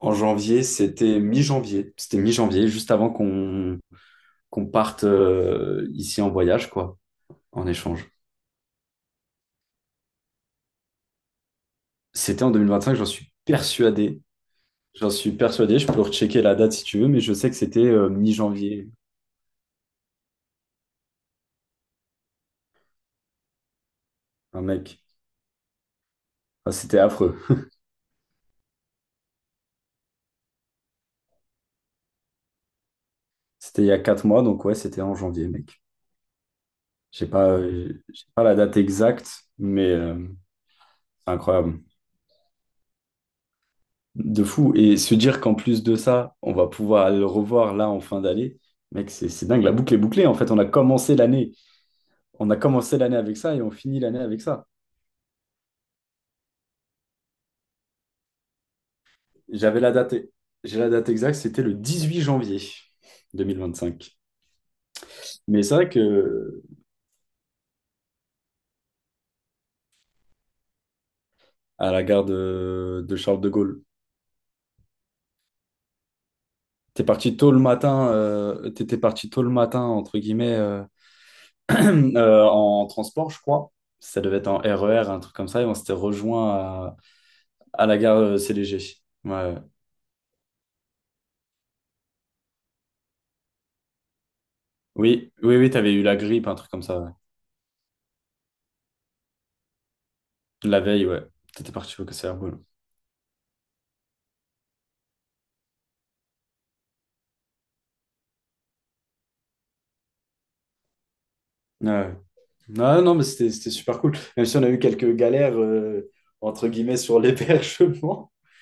En janvier, c'était mi-janvier. C'était mi-janvier, juste avant qu'on parte ici en voyage, quoi, en échange. C'était en 2025, j'en suis persuadé. J'en suis persuadé, je peux rechecker la date si tu veux, mais je sais que c'était mi-janvier, un mec. Enfin, c'était affreux. C'était il y a quatre mois, donc ouais, c'était en janvier, mec. J'ai pas la date exacte, mais c'est incroyable. De fou. Et se dire qu'en plus de ça, on va pouvoir le revoir là en fin d'année, mec, c'est dingue. La boucle est bouclée. En fait, On a commencé l'année avec ça et on finit l'année avec ça. J'avais la date, j'ai la date exacte, c'était le 18 janvier deux mille vingt-cinq. Mais c'est vrai que à la gare de Charles de Gaulle, t'es parti tôt le matin, t'étais parti tôt le matin entre guillemets en transport, je crois. Ça devait être en RER, un truc comme ça, et on s'était rejoint à la gare CDG. Ouais. Ouais. Oui, oui, oui, t'avais eu la grippe, un truc comme ça. Ouais. La veille, ouais. T'étais parti au Kosovo. Ouais. Ouais. Non, non, mais c'était super cool. Même si on a eu quelques galères, entre guillemets, sur l'hébergement.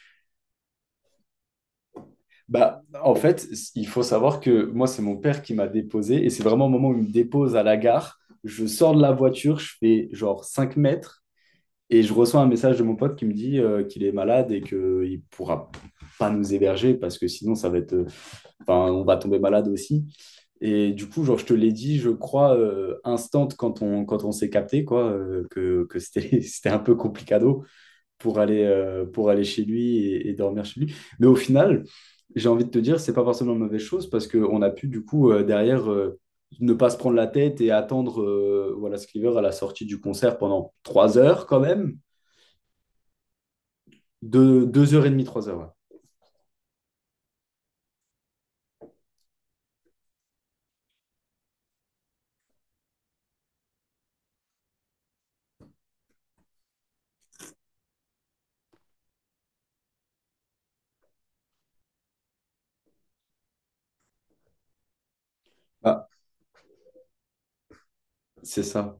Bah, en fait, il faut savoir que moi, c'est mon père qui m'a déposé et c'est vraiment au moment où il me dépose à la gare. Je sors de la voiture, je fais genre 5 mètres et je reçois un message de mon pote qui me dit qu'il est malade et qu'il ne pourra pas nous héberger parce que sinon, ça va être, enfin, on va tomber malade aussi. Et du coup, genre, je te l'ai dit, je crois, instant quand on, quand on s'est capté, quoi, que c'était, c'était un peu complicado pour aller chez lui et dormir chez lui. Mais au final, j'ai envie de te dire, c'est pas forcément une mauvaise chose parce qu'on a pu, du coup, derrière, ne pas se prendre la tête et attendre voilà, Sliver à la sortie du concert pendant 3 heures quand même, deux heures et demie, 3 heures. Ouais. Ah, c'est ça.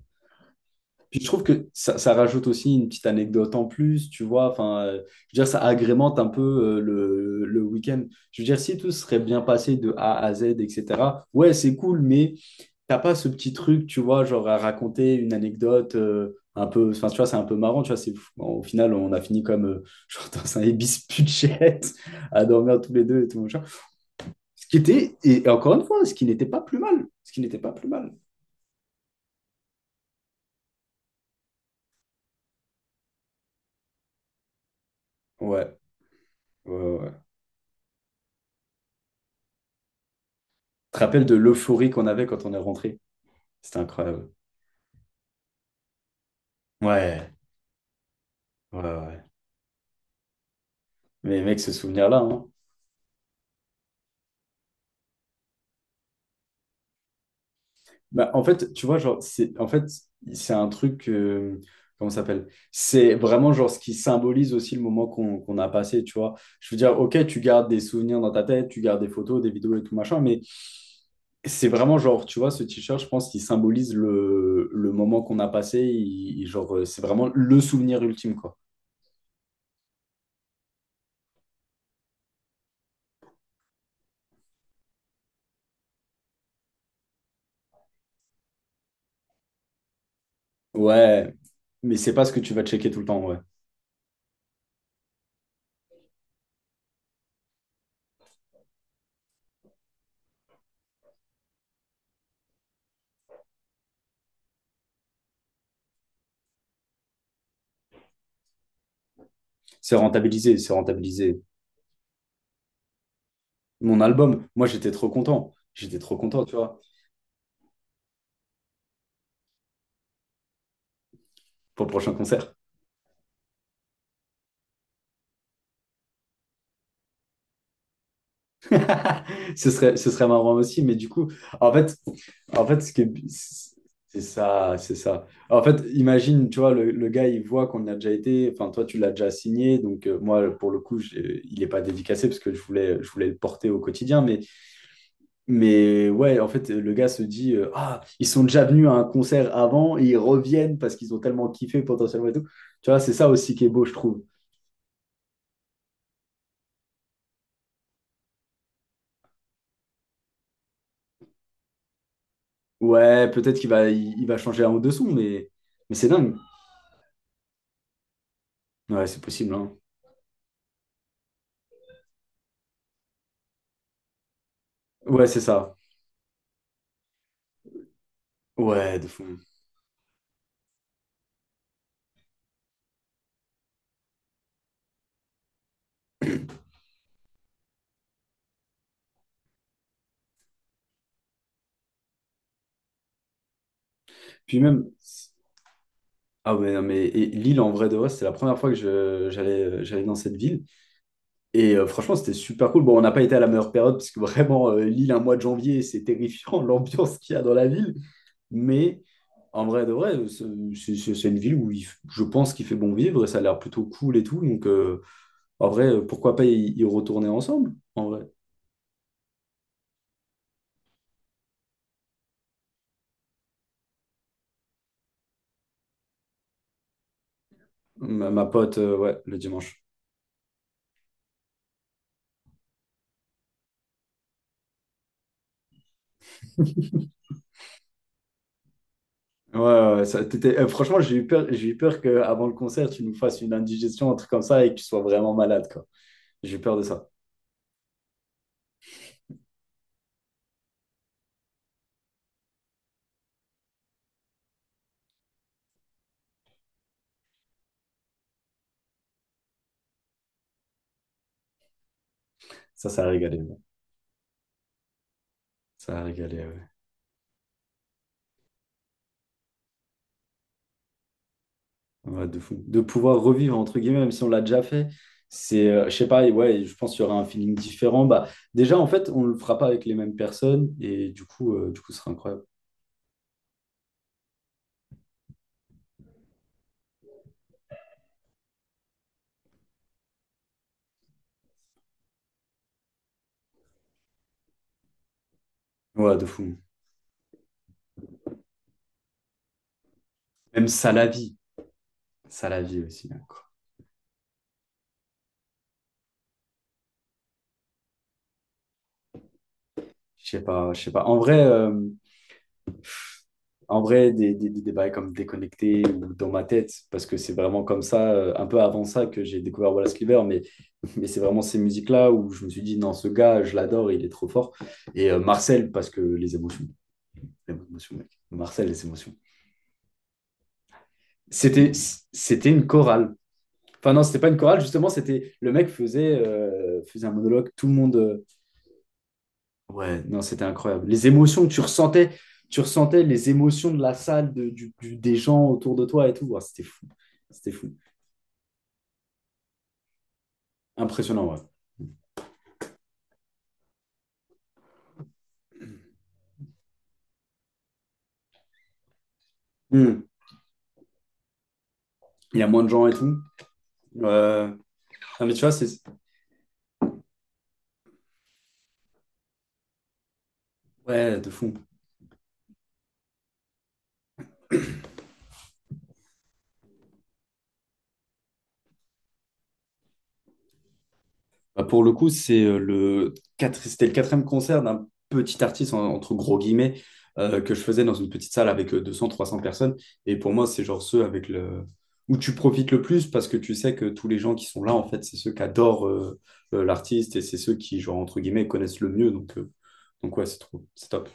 Puis je trouve que ça rajoute aussi une petite anecdote en plus, tu vois. Enfin, je veux dire, ça agrémente un peu le week-end. Je veux dire, si tout serait bien passé de A à Z, etc., ouais, c'est cool, mais t'as pas ce petit truc, tu vois, genre à raconter une anecdote un peu. Enfin, tu vois, c'est un peu marrant, tu vois. C'est, au final, on a fini comme genre dans un Ibis Budget à dormir tous les deux et tout machin. Ce qui était, et encore une fois, ce qui n'était pas plus mal. Ce qui n'était pas plus mal. Ouais, ouais, ouais. Tu te rappelles de l'euphorie qu'on avait quand on est rentré? C'était incroyable. Ouais, ouais, ouais. Mais mec, ce souvenir-là, hein. Bah, en fait, tu vois, genre, c'est, en fait, c'est un truc, comment ça s'appelle? C'est vraiment genre ce qui symbolise aussi le moment qu'on a passé, tu vois. Je veux dire, ok, tu gardes des souvenirs dans ta tête, tu gardes des photos, des vidéos et tout machin, mais c'est vraiment genre, tu vois, ce t-shirt, je pense qu'il symbolise le moment qu'on a passé. Genre, c'est vraiment le souvenir ultime, quoi. Ouais, mais c'est pas ce que tu vas checker tout le temps, ouais. C'est rentabilisé, c'est rentabilisé. Mon album. Moi, j'étais trop content. J'étais trop content, tu vois, pour le prochain concert. Ce serait marrant aussi, mais du coup, en fait, en fait, c'est ça, c'est ça. En fait, imagine, tu vois, le gars, il voit qu'on y a déjà été. Enfin, toi, tu l'as déjà signé. Donc, moi, pour le coup, il n'est pas dédicacé parce que je voulais le porter au quotidien. Mais ouais, en fait, le gars se dit, ah, ils sont déjà venus à un concert avant et ils reviennent parce qu'ils ont tellement kiffé potentiellement et tout. Tu vois, c'est ça aussi qui est beau, je trouve. Ouais, peut-être qu'il va, il va changer un ou deux sons, mais c'est dingue. Ouais, c'est possible, hein. Ouais, c'est ça. Ouais, de fou. Puis même, ah ouais, non, mais et Lille, en vrai de vrai, c'était la première fois que j'allais, j'allais dans cette ville. Et franchement, c'était super cool. Bon, on n'a pas été à la meilleure période, parce que vraiment, Lille, un mois de janvier, c'est terrifiant l'ambiance qu'il y a dans la ville. Mais en vrai de vrai, c'est une ville où je pense qu'il fait bon vivre et ça a l'air plutôt cool et tout. Donc, en vrai, pourquoi pas y retourner ensemble, en vrai. Ma pote, ouais, le dimanche. Ouais, ouais, ouais, franchement, j'ai eu peur qu'avant le concert, tu nous fasses une indigestion, un truc comme ça, et que tu sois vraiment malade, quoi. J'ai eu peur de ça. Ça a régalé. Ouais. Ça a régalé, ouais. Ouais, de fou. De pouvoir revivre, entre guillemets, même si on l'a déjà fait, c'est, je sais pas, et ouais, je pense qu'il y aura un feeling différent. Bah, déjà, en fait, on le fera pas avec les mêmes personnes, et du coup, ce sera incroyable. Ouais, de fou. Même ça la vie. Ça la vie aussi, hein, quoi. Je sais pas, je sais pas. En vrai. En vrai, des débats comme déconnecté ou dans ma tête, parce que c'est vraiment comme ça, un peu avant ça, que j'ai découvert Wallace Cleaver, mais c'est vraiment ces musiques-là où je me suis dit, non, ce gars, je l'adore, il est trop fort. Et Marcel, parce que les émotions, mec. Marcel, les émotions. C'était, c'était une chorale. Enfin, non, c'était pas une chorale, justement, c'était le mec faisait, faisait un monologue, tout le monde. Ouais, non, c'était incroyable. Les émotions que tu ressentais les émotions de la salle, des gens autour de toi et tout. Ouais, c'était fou. C'était fou. Impressionnant, ouais. Hmm. Il y a moins de gens et tout. Euh, non, mais tu vois, c'est... Ouais, de fou. Bah, pour le coup, c'est c'était le quatrième concert d'un petit artiste, entre gros guillemets, que je faisais dans une petite salle avec 200-300 personnes. Et pour moi, c'est genre ceux avec le... où tu profites le plus parce que tu sais que tous les gens qui sont là, en fait, c'est ceux qui adorent l'artiste et c'est ceux qui, genre, entre guillemets, connaissent le mieux. Donc ouais, c'est trop, c'est top.